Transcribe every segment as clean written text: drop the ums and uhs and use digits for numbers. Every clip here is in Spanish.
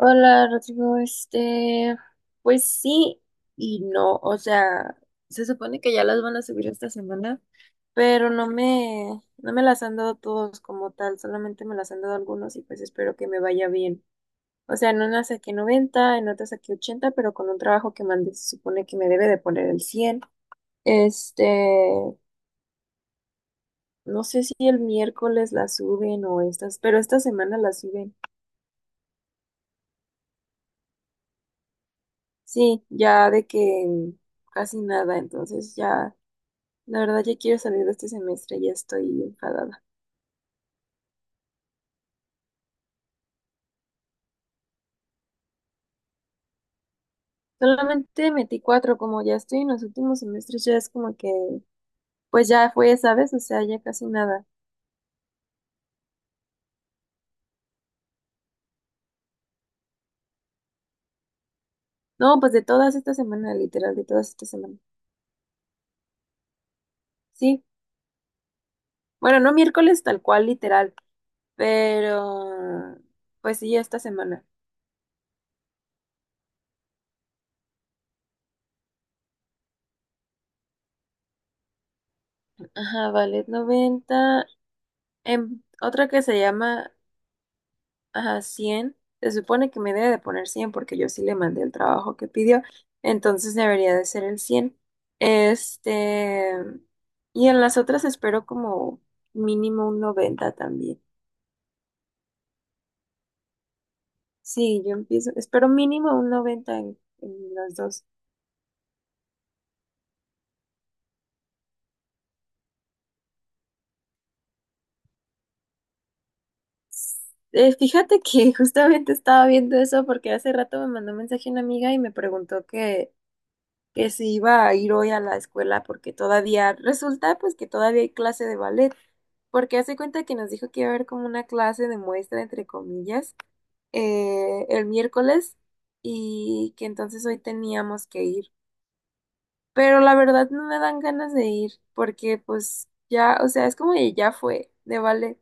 Hola, Rodrigo, pues sí y no, o sea, se supone que ya las van a subir esta semana, pero no me las han dado todos como tal, solamente me las han dado algunos y pues espero que me vaya bien. O sea, en una saqué 90, en otra saqué 80, pero con un trabajo que mandé se supone que me debe de poner el 100. Este, no sé si el miércoles las suben o estas, pero esta semana las suben. Sí, ya de que casi nada, entonces ya. La verdad ya quiero salir de este semestre, ya estoy enfadada. Solamente metí cuatro, como ya estoy en los últimos semestres, ya es como que, pues ya fue, ¿sabes? O sea, ya casi nada. No, pues de todas esta semana, literal, de todas esta semana. Sí, bueno, no miércoles tal cual, literal, pero pues sí, esta semana. Ajá, ballet 90, otra que se llama. Ajá, 100. Se supone que me debe de poner 100 porque yo sí le mandé el trabajo que pidió. Entonces debería de ser el 100. Este, y en las otras espero como mínimo un 90 también. Sí, yo empiezo, espero mínimo un 90 en las dos. Fíjate que justamente estaba viendo eso porque hace rato me mandó un mensaje una amiga y me preguntó que si iba a ir hoy a la escuela porque todavía resulta pues que todavía hay clase de ballet, porque hace cuenta que nos dijo que iba a haber como una clase de muestra, entre comillas, el miércoles y que entonces hoy teníamos que ir. Pero la verdad no me dan ganas de ir porque pues ya, o sea, es como que ya fue de ballet.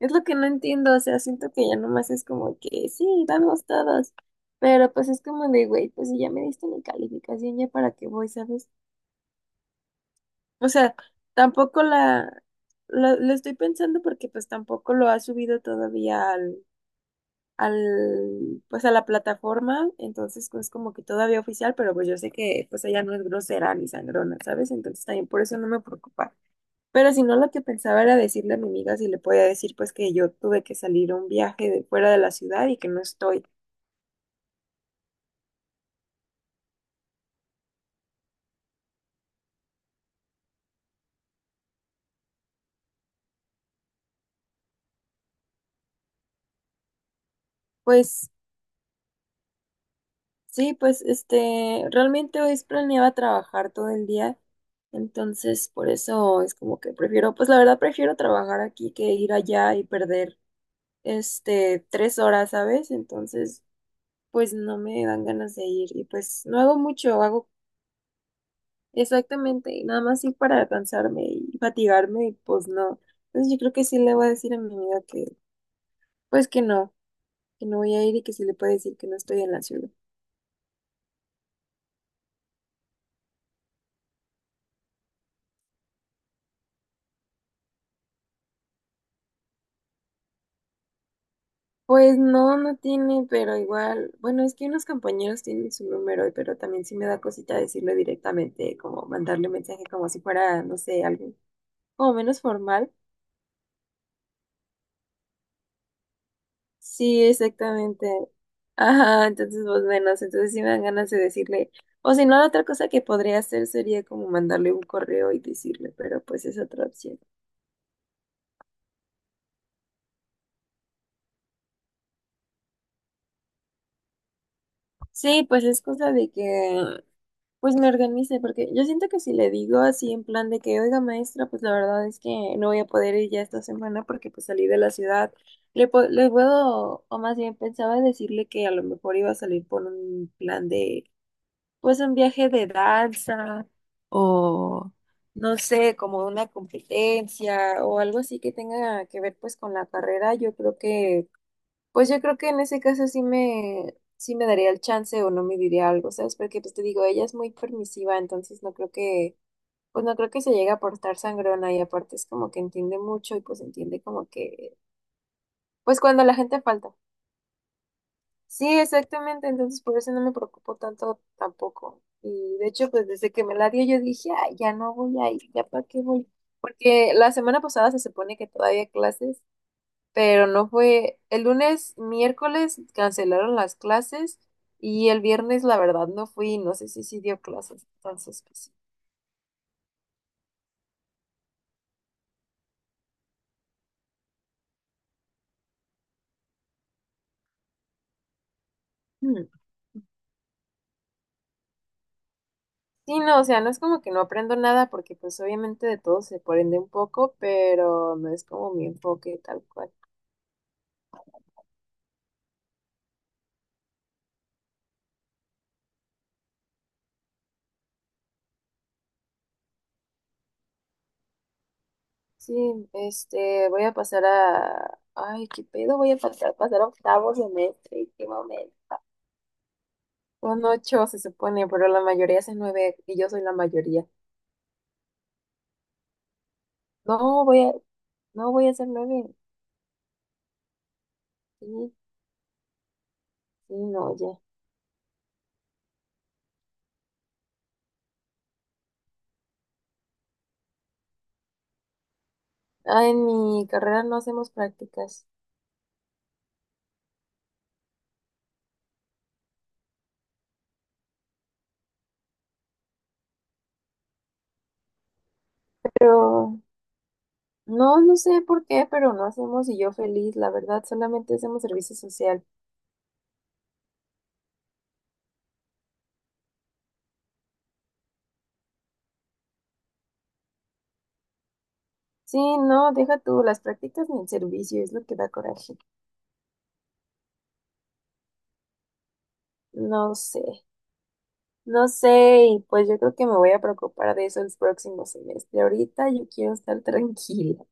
Es lo que no entiendo, o sea, siento que ya nomás es como que sí, vamos todos. Pero pues es como de, güey, pues si ya me diste mi calificación, ya para qué voy, ¿sabes? O sea, tampoco la, la estoy pensando porque pues tampoco lo ha subido todavía al, pues a la plataforma, entonces pues como que todavía oficial, pero pues yo sé que pues ella no es grosera ni sangrona, ¿sabes? Entonces también por eso no me preocupa. Pero si no, lo que pensaba era decirle a mi amiga si le podía decir pues que yo tuve que salir a un viaje de fuera de la ciudad y que no estoy. Pues sí, pues realmente hoy planeaba trabajar todo el día, entonces por eso es como que prefiero, pues la verdad prefiero trabajar aquí que ir allá y perder este 3 horas, ¿sabes? Entonces, pues no me dan ganas de ir y pues no hago mucho, hago exactamente nada más ir para cansarme y fatigarme y pues no. Entonces yo creo que sí le voy a decir a mi amiga que, pues que no voy a ir y que sí le puedo decir que no estoy en la ciudad. Pues no, no tiene, pero igual, bueno, es que unos compañeros tienen su número, pero también sí me da cosita decirlo directamente, como mandarle mensaje como si fuera, no sé, algo como menos formal. Sí, exactamente. Ajá, entonces vos menos, entonces sí me dan ganas de decirle, o si no, la otra cosa que podría hacer sería como mandarle un correo y decirle, pero pues es otra opción. Sí, pues es cosa de que pues me organice, porque yo siento que si le digo así en plan de que, oiga maestra, pues la verdad es que no voy a poder ir ya esta semana porque pues salí de la ciudad, le, po- le puedo, o más bien pensaba decirle que a lo mejor iba a salir por un plan de, pues un viaje de danza o no sé, como una competencia o algo así que tenga que ver pues con la carrera, yo creo que pues yo creo que en ese caso sí me daría el chance o no me diría algo, ¿sabes? Porque pues te digo, ella es muy permisiva, entonces no creo que, pues no creo que se llegue a portar sangrona y aparte es como que entiende mucho y pues entiende como que, pues cuando la gente falta. Sí, exactamente, entonces por eso no me preocupo tanto tampoco. Y de hecho, pues desde que me la dio yo dije, "Ay, ya no voy a ir, ya para qué voy. Porque la semana pasada se supone que todavía clases, pero no fue. El lunes, miércoles cancelaron las clases y el viernes, la verdad, no fui, no sé si sí dio clases, entonces pues sí. Mm. Sí, no, o sea, no es como que no aprendo nada porque pues obviamente de todo se aprende un poco, pero no es como mi enfoque tal cual. Sí, voy a pasar a... Ay, qué pedo, voy a pasar a octavo semestre, qué momento. Son ocho se supone, pero la mayoría hace nueve y yo soy la mayoría. No, no voy a hacer nueve. Sí, sí, no, oye. Ah, en mi carrera no hacemos prácticas, pero no, no sé por qué, pero no hacemos y yo feliz, la verdad, solamente hacemos servicio social. Sí, no, deja tú las prácticas ni el servicio, es lo que da coraje. No sé, no sé, y pues yo creo que me voy a preocupar de eso el próximo semestre. Ahorita yo quiero estar tranquila.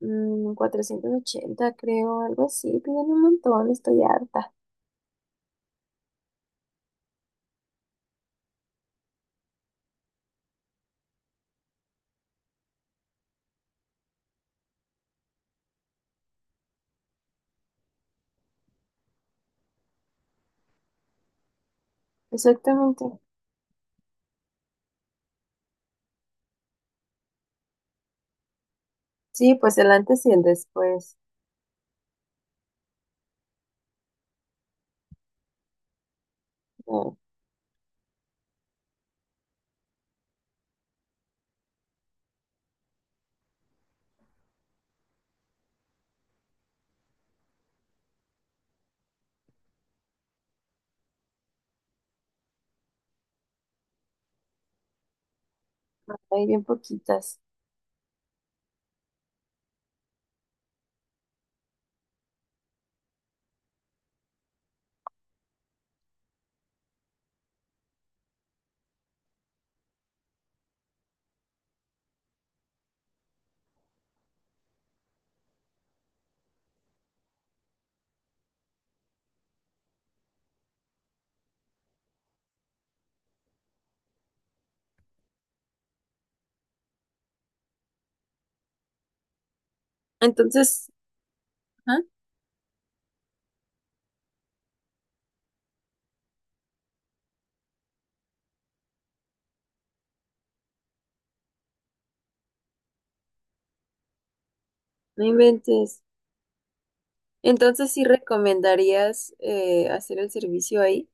Mm, 480, creo, algo así, piden un montón, estoy harta. Exactamente. Sí, pues el antes y el después. Ah, hay bien poquitas. Entonces, ajá, no inventes. Entonces, ¿sí recomendarías hacer el servicio ahí?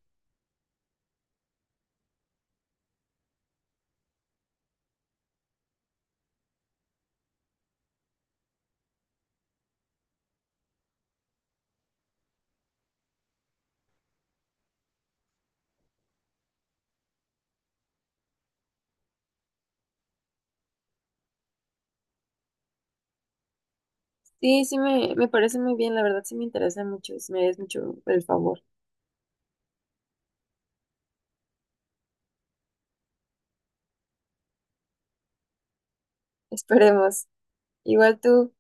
Sí, sí, me parece muy bien. La verdad, sí me interesa mucho. Sí, me haces mucho el favor. Esperemos. Igual tú.